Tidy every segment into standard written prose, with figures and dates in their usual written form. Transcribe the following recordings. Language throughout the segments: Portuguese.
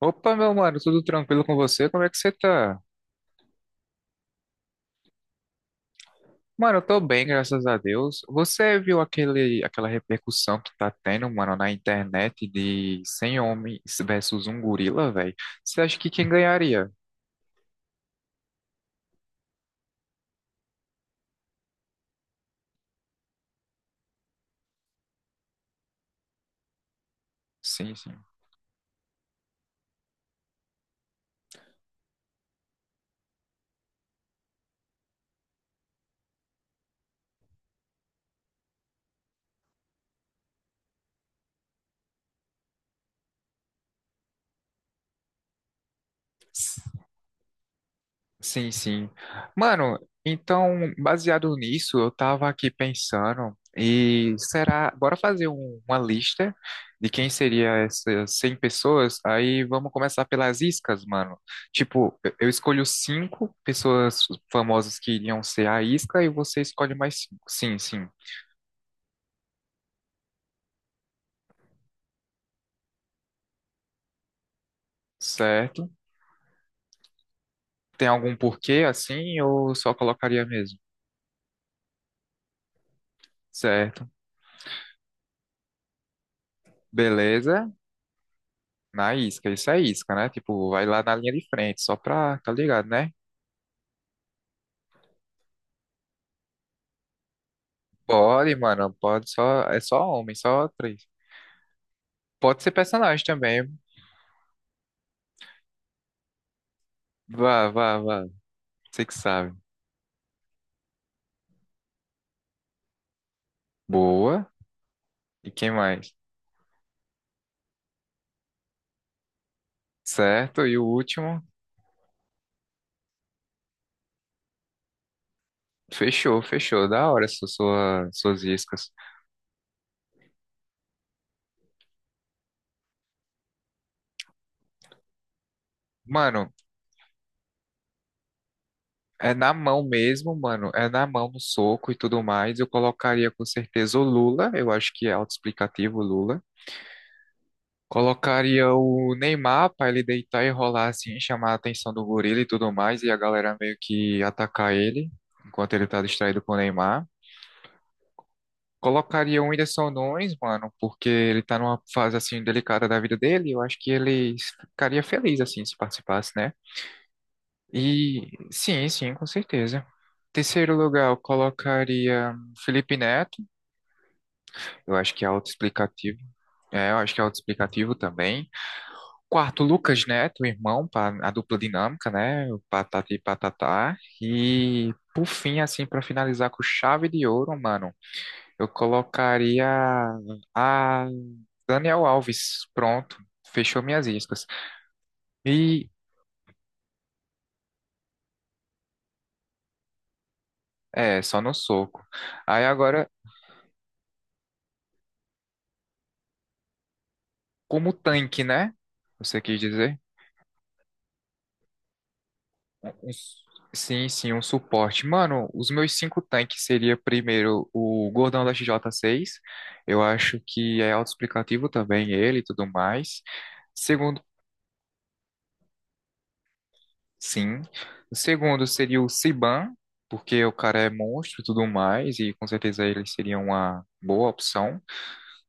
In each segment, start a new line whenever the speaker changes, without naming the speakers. Opa, meu mano, tudo tranquilo com você? Como é que você tá? Mano, eu tô bem, graças a Deus. Você viu aquela repercussão que tá tendo, mano, na internet de 100 homens versus um gorila, velho? Você acha que quem ganharia? Sim, sim. Sim, sim. Mano, então, baseado nisso, eu tava aqui pensando, e será, bora fazer uma lista de quem seria essas 100 pessoas? Aí vamos começar pelas iscas, mano. Tipo, eu escolho cinco pessoas famosas que iriam ser a isca e você escolhe mais cinco. Sim, sim. Certo. Tem algum porquê assim ou só colocaria mesmo? Certo. Beleza. Na isca, isso é isca, né? Tipo, vai lá na linha de frente, só pra, tá ligado, né? Pode, mano, pode só. É só homem, só três. Pode ser personagem também. Vá, vá, vá. Você que sabe. Boa. E quem mais? Certo, e o último. Fechou, fechou. Da hora suas iscas. Mano, é na mão mesmo, mano. É na mão, no soco e tudo mais. Eu colocaria com certeza o Lula. Eu acho que é autoexplicativo o Lula. Colocaria o Neymar pra ele deitar e rolar assim, chamar a atenção do gorila e tudo mais, e a galera meio que atacar ele, enquanto ele tá distraído com o Neymar. Colocaria o Whindersson Nunes, mano, porque ele tá numa fase assim delicada da vida dele, eu acho que ele ficaria feliz assim se participasse, né? E sim, sim, com certeza. Terceiro lugar, eu colocaria Felipe Neto, eu acho que é autoexplicativo. É, eu acho que é autoexplicativo também. Quarto, Lucas Neto, irmão, para a dupla dinâmica, né? O Patati e Patatá. E por fim, assim, para finalizar com chave de ouro, mano, eu colocaria a Daniel Alves. Pronto, fechou minhas iscas. E é, só no soco. Aí agora, como tanque, né? Você quis dizer? Um s- Sim, sim, um suporte. Mano, os meus cinco tanques seria primeiro o Gordão da XJ6. Eu acho que é autoexplicativo também ele e tudo mais. Segundo, sim. O segundo seria o Siban, porque o cara é monstro e tudo mais, e com certeza ele seria uma boa opção.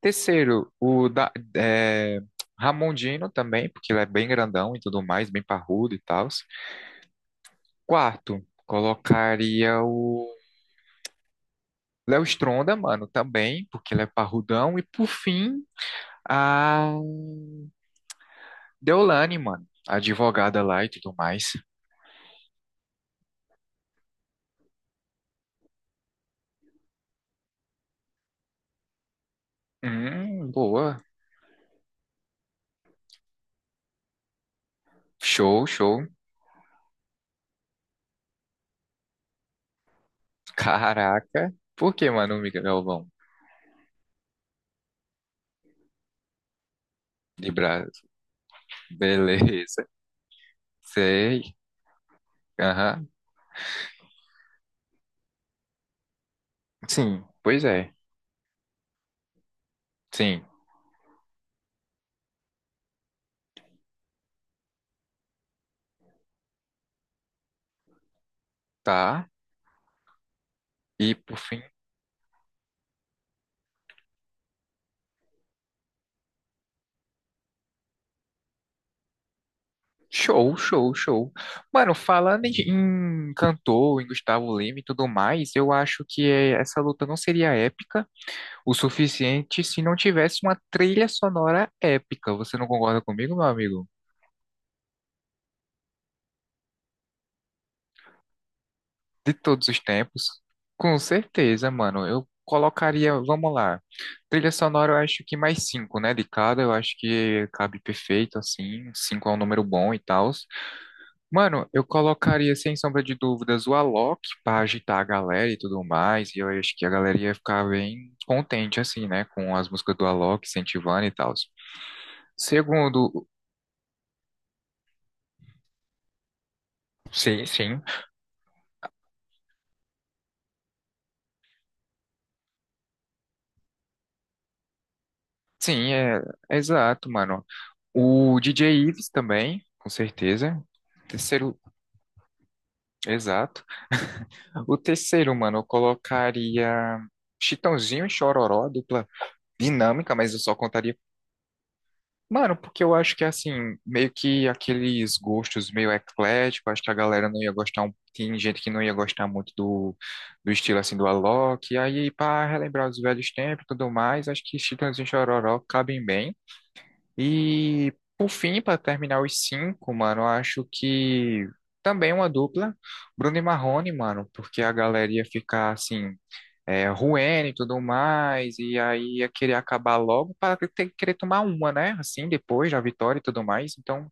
Terceiro, o da, é, Ramondino também, porque ele é bem grandão e tudo mais, bem parrudo e tal. Quarto, colocaria o Léo Stronda, mano, também, porque ele é parrudão. E por fim, a Deolane, mano, a advogada lá e tudo mais. Boa. Show, show. Caraca. Por que, mano, Miguel Galvão? De Brás. Beleza. Sei. Aham. Sim, pois é. Sim, tá. E por fim, show, show, show. Mano, falando em, em cantor, em Gustavo Lima e tudo mais, eu acho que eh, essa luta não seria épica o suficiente se não tivesse uma trilha sonora épica. Você não concorda comigo, meu amigo? De todos os tempos? Com certeza, mano. Eu colocaria, vamos lá. Trilha sonora eu acho que mais cinco, né? De cada, eu acho que cabe perfeito, assim. Cinco é um número bom e tal. Mano, eu colocaria, sem sombra de dúvidas, o Alok pra agitar a galera e tudo mais. E eu acho que a galera ia ficar bem contente, assim, né? Com as músicas do Alok, incentivando e tal. Segundo, sim, sim, Sim, é exato, mano. O DJ Ives também, com certeza. Terceiro, exato. O terceiro, mano, eu colocaria Chitãozinho e Chororó, dupla dinâmica, mas eu só contaria. Mano, porque eu acho que assim, meio que aqueles gostos meio eclético, acho que a galera não ia gostar, tem gente que não ia gostar muito do, do estilo assim do Alok, e aí para relembrar os velhos tempos e tudo mais, acho que Chitãozinho e Chororó cabem bem. E por fim, para terminar os cinco, mano, eu acho que também uma dupla, Bruno e Marrone, mano, porque a galera ia ficar assim, é, ruim e tudo mais, e aí ia querer acabar logo para ter, querer tomar uma, né? Assim, depois da vitória e tudo mais. Então,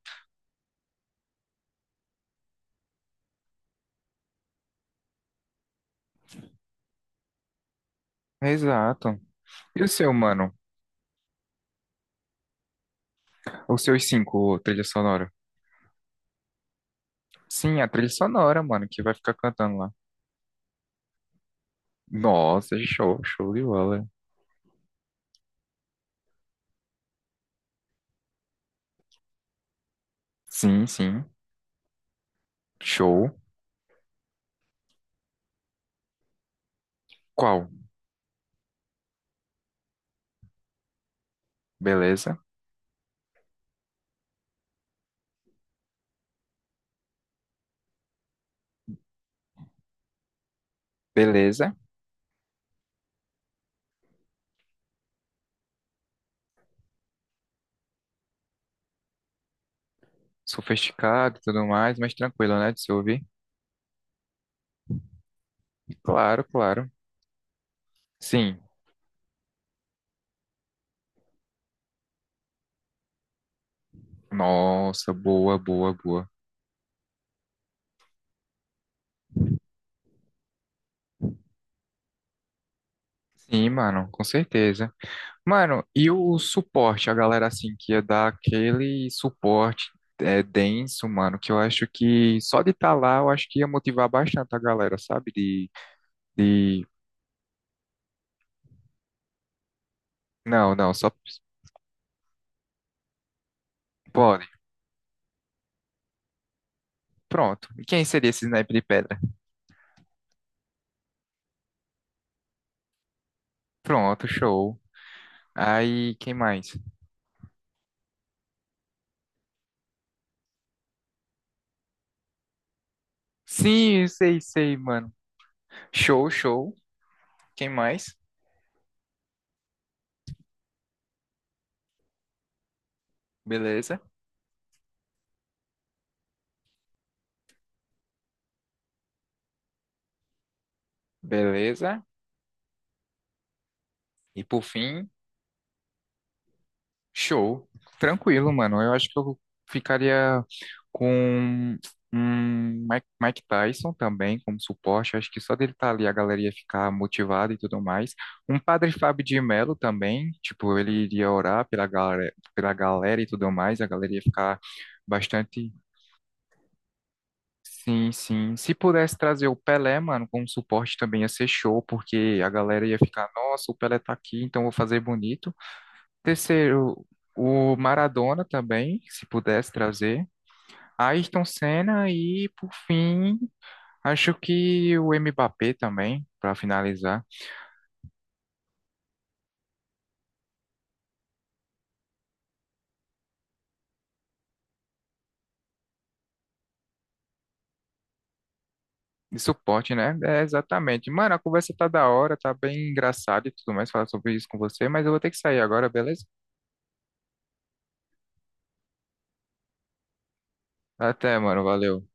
exato. E o seu, mano? Os seus cinco, trilha sonora? Sim, a trilha sonora, mano, que vai ficar cantando lá. Nossa, show, show de bola. Sim, sim. Show. Qual? Beleza? Beleza. Sofisticado e tudo mais, mas tranquilo, né, de se ouvir? Claro, claro. Sim. Nossa, boa, boa, boa. Sim, mano, com certeza. Mano, e o suporte, a galera assim que ia dar aquele suporte é, denso, mano, que eu acho que só de estar lá, eu acho que ia motivar bastante a galera, sabe? De... Não, não, só pode. Pronto. E quem seria esse naipe de pedra? Pronto, show. Aí, quem mais? Sim, sei, sei, mano. Show, show. Quem mais? Beleza, beleza. E por fim, show. Tranquilo, mano. Eu acho que eu ficaria com um Mike Tyson também como suporte. Eu acho que só dele estar ali a galera ia ficar motivada e tudo mais. Um Padre Fábio de Melo também. Tipo, ele iria orar pela galera e tudo mais. A galera ia ficar bastante. Sim, sim. Se pudesse trazer o Pelé, mano, como suporte também ia ser show, porque a galera ia ficar, nossa, o Pelé tá aqui, então vou fazer bonito. Terceiro, o Maradona também, se pudesse trazer. Ayrton Senna e, por fim, acho que o Mbappé também, pra finalizar. De suporte, né? É, exatamente. Mano, a conversa tá da hora, tá bem engraçada e tudo mais, falar sobre isso com você, mas eu vou ter que sair agora, beleza? Até, mano, valeu.